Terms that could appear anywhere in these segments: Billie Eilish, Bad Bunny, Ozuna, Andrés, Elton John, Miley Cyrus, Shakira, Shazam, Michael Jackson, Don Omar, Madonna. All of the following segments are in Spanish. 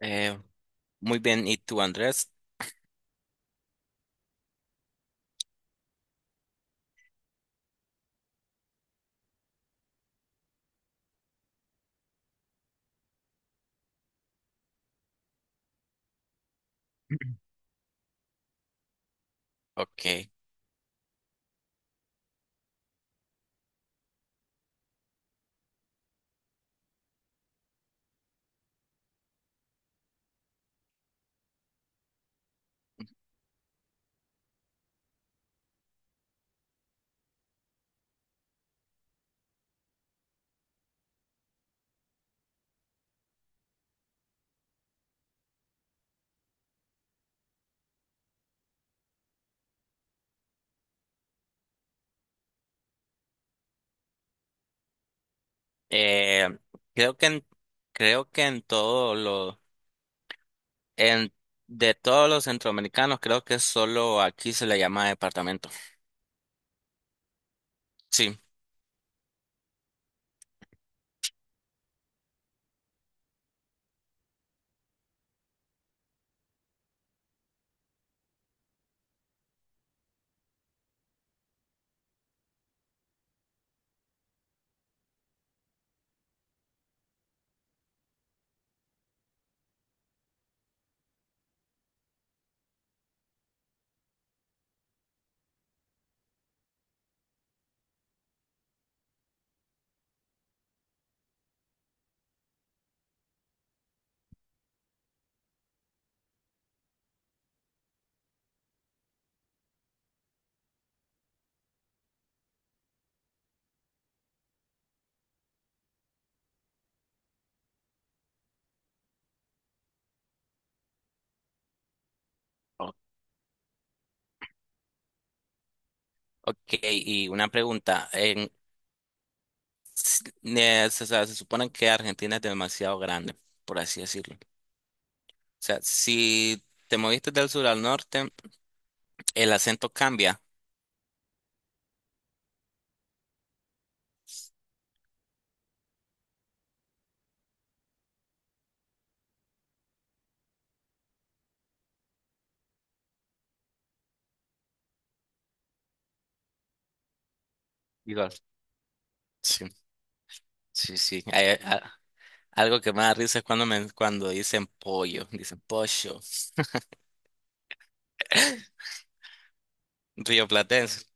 Eh, Muy bien, ¿y tú, Andrés? Ok. Eh, creo que en, creo que en todo lo, en, de todos los centroamericanos, creo que solo aquí se le llama departamento. Sí. O- Ok, y una pregunta. O sea, se supone que Argentina es demasiado grande, por así decirlo. O sea, si te moviste del sur al norte, el acento cambia. Igual. Sí, sí, sí. Ah, algo que me da risa es cuando, cuando dicen pollo, dicen pollo. Rioplatense.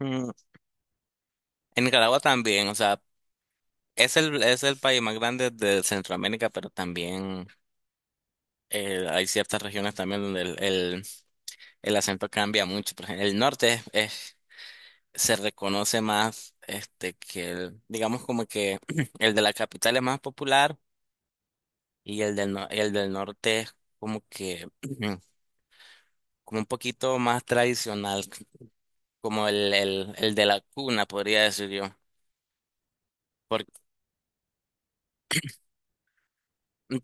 Mm. En Nicaragua también, o sea, es el país más grande de Centroamérica, pero también hay ciertas regiones también donde el acento cambia mucho. Por ejemplo, el norte se reconoce más este, digamos como que el de la capital es más popular, y el del, no- el del norte es como que como un poquito más tradicional. Como el de la cuna, podría decir yo. Porque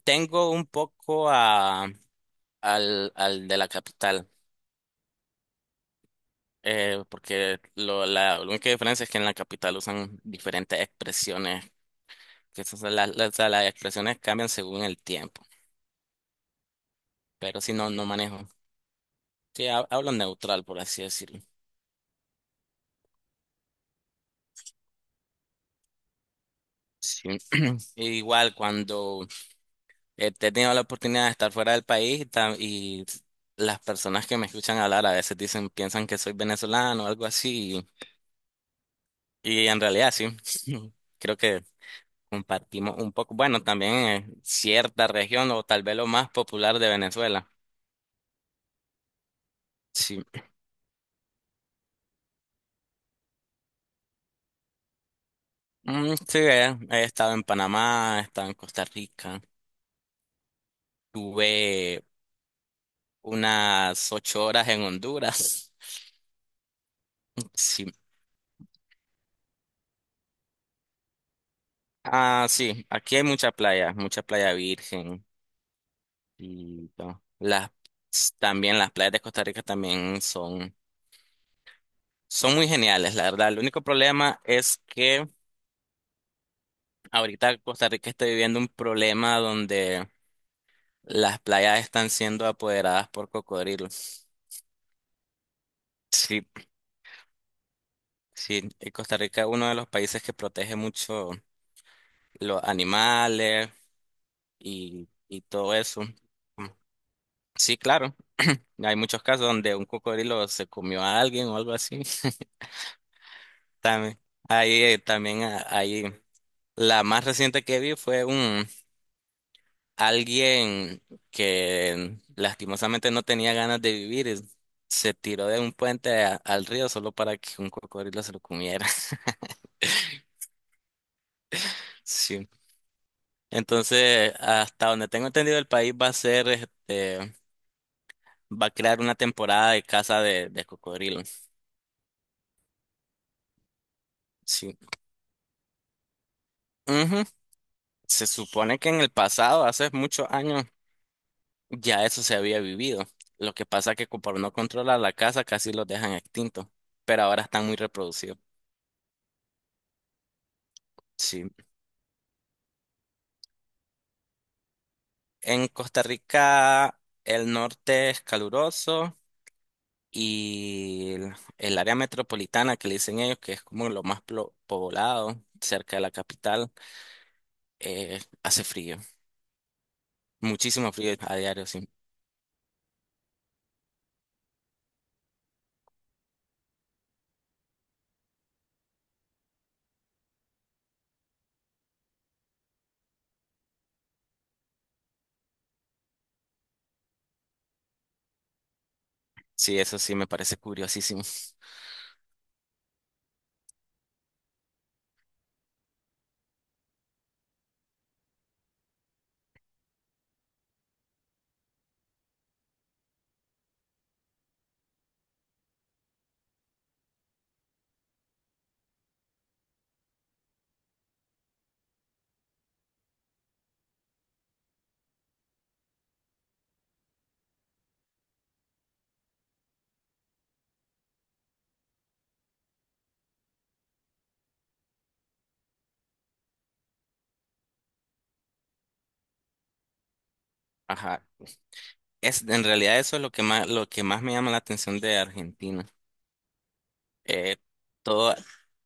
tengo un poco al de la capital, porque la única diferencia es que en la capital usan diferentes expresiones, que esas son las expresiones cambian según el tiempo, pero si no, no manejo. Sí, hablo neutral, por así decirlo. Sí. Igual cuando he tenido la oportunidad de estar fuera del país y las personas que me escuchan hablar a veces dicen, piensan que soy venezolano o algo así. Y en realidad sí, creo que compartimos un poco, bueno, también cierta región o tal vez lo más popular de Venezuela. Sí, mm, sí. He estado en Panamá, he estado en Costa Rica, tuve unas 8 horas en Honduras. Sí, ah, sí, aquí hay mucha playa virgen, y no, las también las playas de Costa Rica también son muy geniales, la verdad. El único problema es que ahorita Costa Rica está viviendo un problema donde las playas están siendo apoderadas por cocodrilos. Sí, sí, y Costa Rica es uno de los países que protege mucho los animales y todo eso. Sí, claro, hay muchos casos donde un cocodrilo se comió a alguien o algo así. También, ahí, también, ah, ahí, la más reciente que vi alguien que lastimosamente no tenía ganas de vivir se tiró de un puente al río solo para que un cocodrilo se lo comiera. Sí. Entonces, hasta donde tengo entendido, el país este, va a crear una temporada de caza de cocodrilos. Sí. Ujú. Se supone que en el pasado, hace muchos años, ya eso se había vivido. Lo que pasa es que como no controla la caza, casi los dejan extintos. Pero ahora están muy reproducidos. Sí. En Costa Rica el norte es caluroso y el área metropolitana que le dicen ellos, que es como lo más poblado cerca de la capital, hace frío, muchísimo frío a diario, sí. Sí, eso sí me parece curiosísimo. Ajá. En realidad eso es lo que más me llama la atención de Argentina. Eh, toda,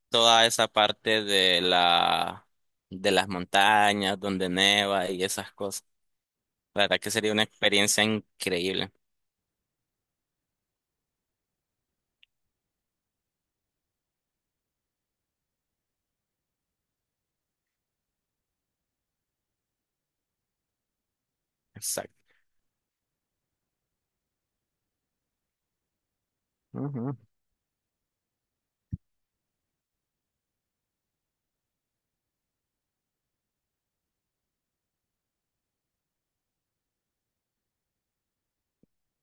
toda esa parte de las montañas donde neva y esas cosas. La verdad que sería una experiencia increíble. Exacto. Ujú.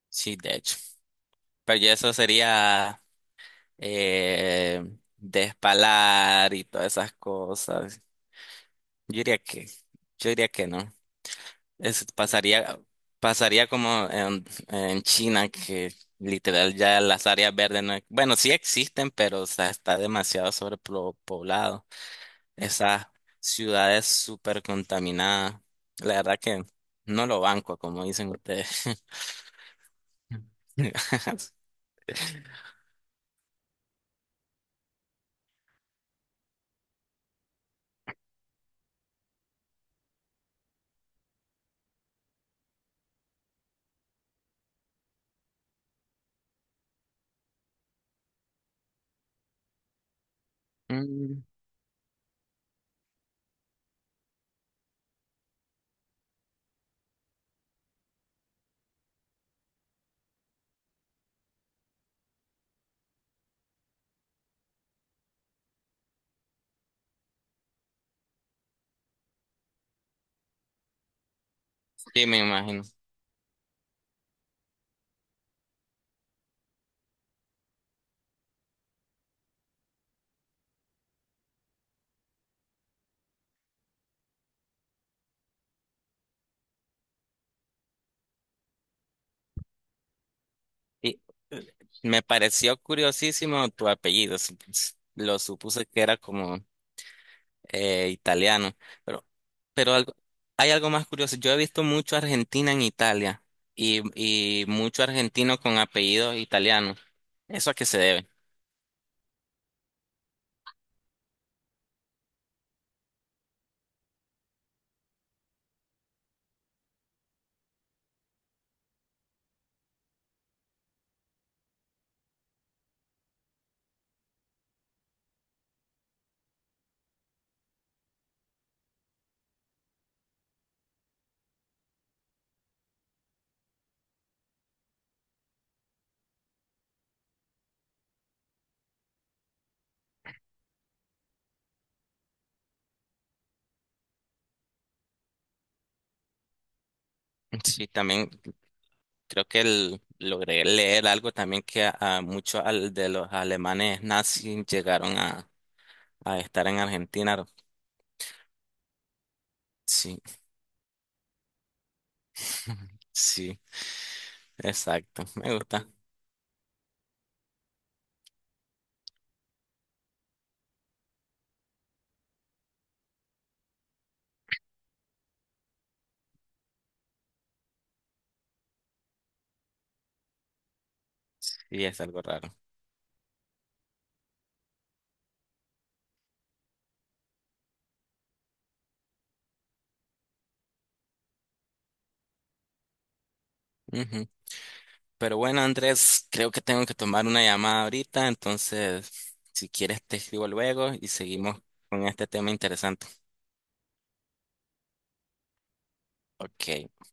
Sí, de hecho. Pero ya eso sería eh, despalar y todas esas cosas. Yo diría que, yo diría que no. Es, pasaría, pasaría como en China, que literal ya las áreas verdes no, bueno, sí existen, pero o sea, está demasiado sobrepoblado. Esas ciudades súper contaminadas. La verdad que no lo banco, como dicen ustedes. Mm, sí, me imagino. Y me pareció curiosísimo tu apellido. Lo supuse que era como italiano, pero, pero hay algo más curioso. Yo he visto mucho Argentina en Italia y, y mucho argentino con apellido italiano. ¿Eso a qué se debe? Sí, también creo que logré leer algo también que a muchos de los alemanes nazis llegaron a estar en Argentina. Sí. Sí, exacto. Me gusta. Y es algo raro. Ujú. Pero bueno, Andrés, creo que tengo que tomar una llamada ahorita, entonces, si quieres te escribo luego y seguimos con este tema interesante. Ok.